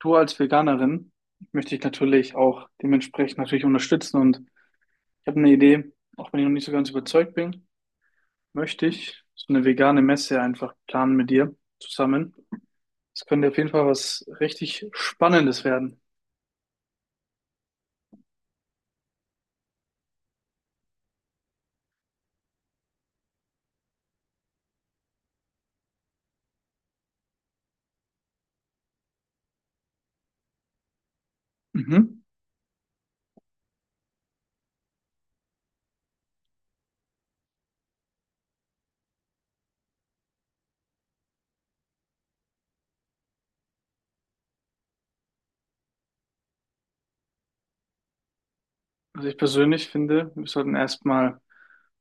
Du als Veganerin möchte ich natürlich auch dementsprechend natürlich unterstützen und ich habe eine Idee, auch wenn ich noch nicht so ganz überzeugt bin, möchte ich so eine vegane Messe einfach planen mit dir zusammen. Das könnte auf jeden Fall was richtig Spannendes werden. Mhm. Also ich persönlich finde, wir sollten erstmal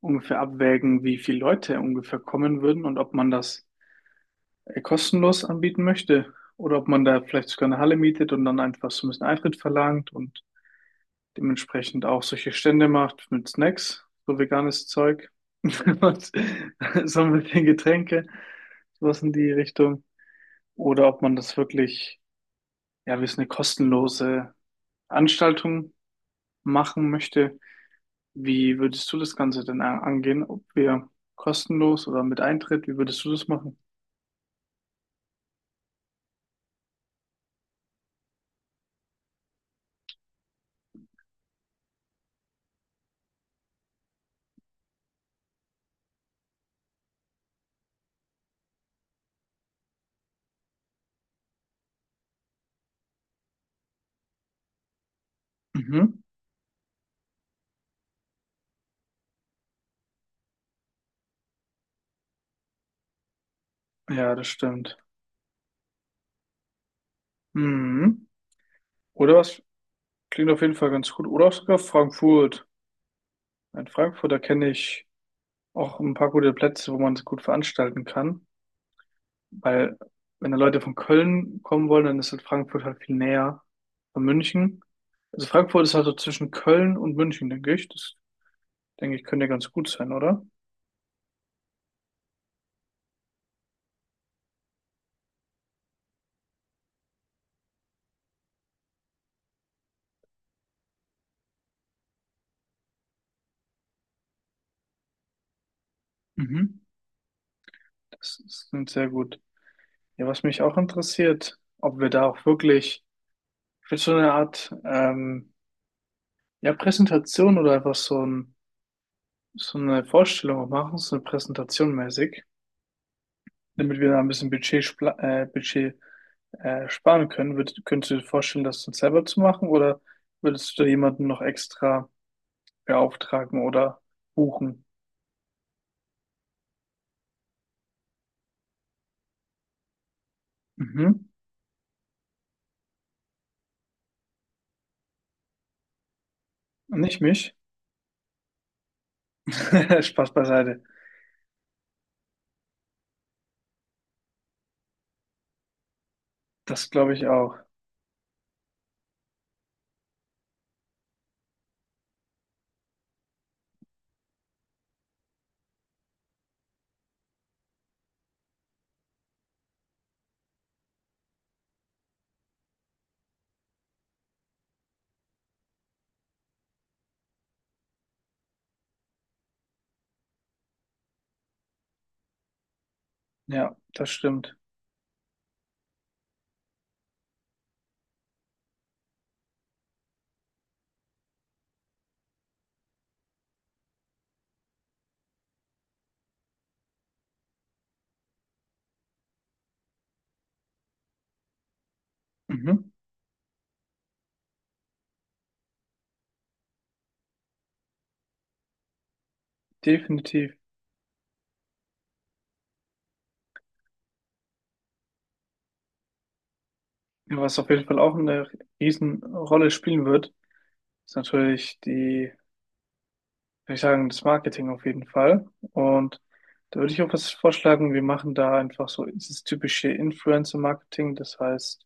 ungefähr abwägen, wie viele Leute ungefähr kommen würden und ob man das kostenlos anbieten möchte oder ob man da vielleicht sogar eine Halle mietet und dann einfach so ein bisschen Eintritt verlangt und dementsprechend auch solche Stände macht mit Snacks, so veganes Zeug, so ein bisschen Getränke, sowas in die Richtung. Oder ob man das wirklich, ja, wie es eine kostenlose Anstaltung machen möchte. Wie würdest du das Ganze denn angehen? Ob wir kostenlos oder mit Eintritt, wie würdest du das machen? Mhm. Ja, das stimmt. Mhm. Oder was? Klingt auf jeden Fall ganz gut. Oder auch sogar Frankfurt. Ein Frankfurter kenne ich auch ein paar gute Plätze, wo man es gut veranstalten kann. Weil wenn da Leute von Köln kommen wollen, dann ist halt Frankfurt halt viel näher von München. Also Frankfurt ist halt so zwischen Köln und München, denke ich. Das denke ich könnte ja ganz gut sein, oder? Mhm. Das ist klingt sehr gut. Ja, Was mich auch interessiert, ob wir da auch wirklich für so eine Art ja, Präsentation oder einfach so eine Vorstellung auch machen, so eine Präsentation mäßig, damit wir da ein bisschen Budget, Budget sparen können. Könntest du dir vorstellen, das dann selber zu machen oder würdest du da jemanden noch extra beauftragen oder buchen? Mhm. Nicht mich. Spaß beiseite. Das glaube ich auch. Ja, das stimmt. Mhm. Definitiv. Ja, was auf jeden Fall auch eine Riesenrolle spielen wird, ist natürlich die würde ich sagen, das Marketing auf jeden Fall. Und da würde ich auch was vorschlagen. Wir machen da einfach so dieses typische Influencer-Marketing. Das heißt,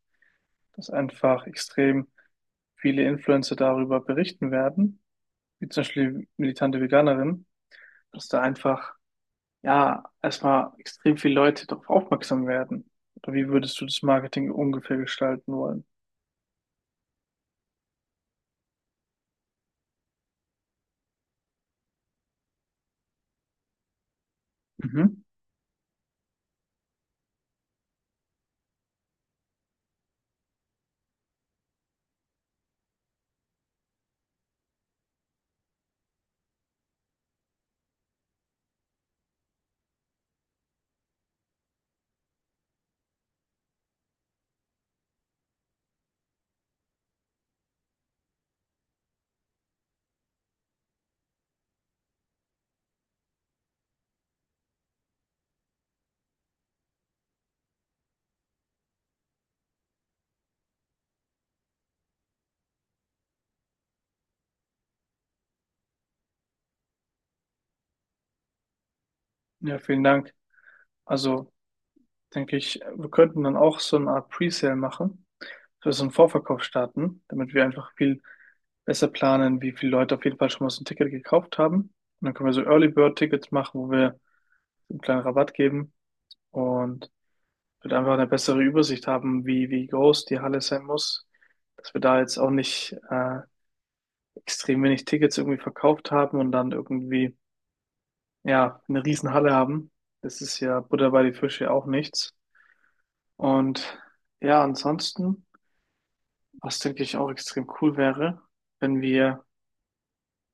dass einfach extrem viele Influencer darüber berichten werden, wie zum Beispiel militante Veganerin, dass da einfach, ja, erstmal extrem viele Leute darauf aufmerksam werden. Oder wie würdest du das Marketing ungefähr gestalten wollen? Mhm. Ja, vielen Dank. Also, denke ich, wir könnten dann auch so eine Art Presale machen, für so einen Vorverkauf starten, damit wir einfach viel besser planen, wie viele Leute auf jeden Fall schon mal so ein Ticket gekauft haben. Und dann können wir so Early Bird Tickets machen, wo wir so einen kleinen Rabatt geben und wird einfach eine bessere Übersicht haben, wie groß die Halle sein muss, dass wir da jetzt auch nicht extrem wenig Tickets irgendwie verkauft haben und dann irgendwie ja eine riesen Halle haben. Das ist ja Butter bei die Fische auch nichts. Und ja, ansonsten. Was, denke ich, auch extrem cool wäre, wenn wir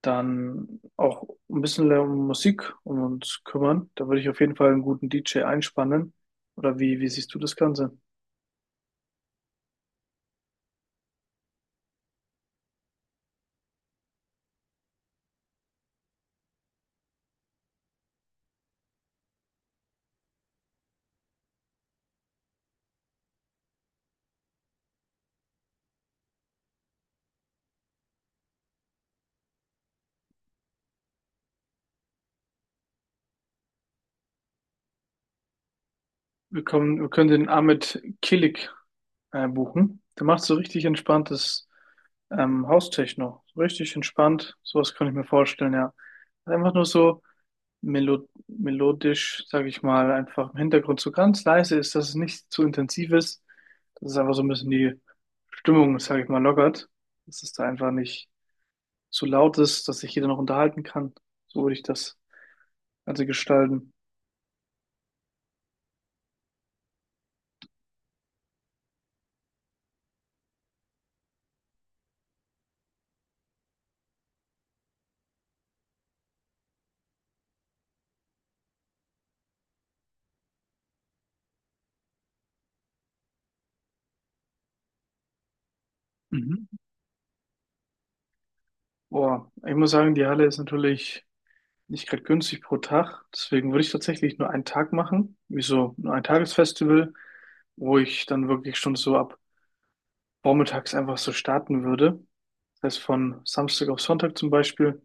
dann auch ein bisschen mehr um Musik um uns kümmern. Da würde ich auf jeden Fall einen guten DJ einspannen. Oder wie siehst du das Ganze? Wir können den Ahmed Kilik buchen. Der macht so richtig entspanntes Haustechno. So richtig entspannt. Sowas kann ich mir vorstellen, ja. Einfach nur so melodisch, sage ich mal, einfach im Hintergrund so ganz leise ist, dass es nicht zu intensiv ist, dass es einfach so ein bisschen die Stimmung, sage ich mal, lockert, dass es da einfach nicht zu laut ist, dass sich jeder noch unterhalten kann. So würde ich das Ganze gestalten. Mhm. Boah, ich muss sagen, die Halle ist natürlich nicht gerade günstig pro Tag. Deswegen würde ich tatsächlich nur einen Tag machen, wie so ein Tagesfestival, wo ich dann wirklich schon so ab vormittags einfach so starten würde. Das heißt, von Samstag auf Sonntag zum Beispiel,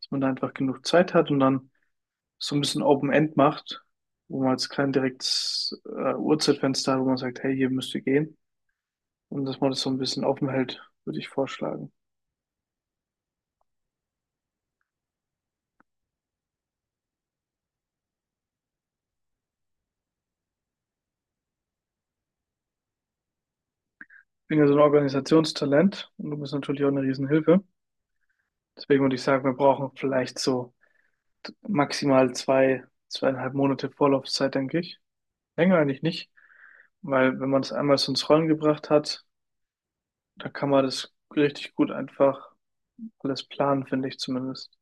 dass man da einfach genug Zeit hat und dann so ein bisschen Open End macht, wo man jetzt kein direktes Uhrzeitfenster hat, wo man sagt, hey, hier müsst ihr gehen. Und dass man das so ein bisschen offen hält, würde ich vorschlagen. Ich bin ja so ein Organisationstalent und du bist natürlich auch eine Riesenhilfe. Deswegen würde ich sagen, wir brauchen vielleicht so maximal zwei, 2,5 Monate Vorlaufzeit, denke ich. Länger eigentlich nicht, weil wenn man es einmal so ins Rollen gebracht hat, da kann man das richtig gut einfach alles planen, finde ich zumindest.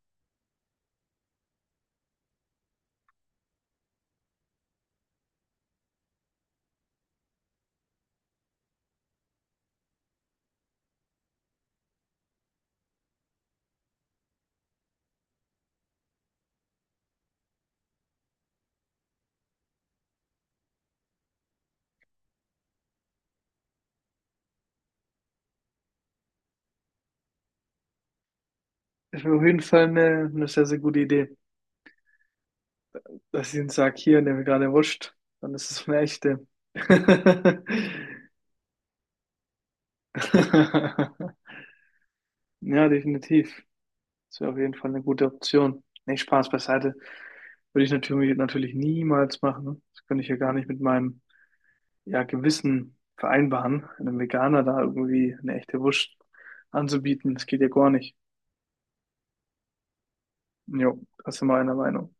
Ist mir auf jeden Fall eine sehr, sehr gute Idee, dass ich ihnen sage, hier, nehme gerade Wurst, dann ist es so eine echte. Ja, definitiv. Das wäre auf jeden Fall eine gute Option. Nee, Spaß beiseite. Würde ich natürlich, natürlich niemals machen. Das könnte ich ja gar nicht mit meinem ja, Gewissen vereinbaren, einem Veganer da irgendwie eine echte Wurst anzubieten. Das geht ja gar nicht. Jo, das sind wir einer Meinung.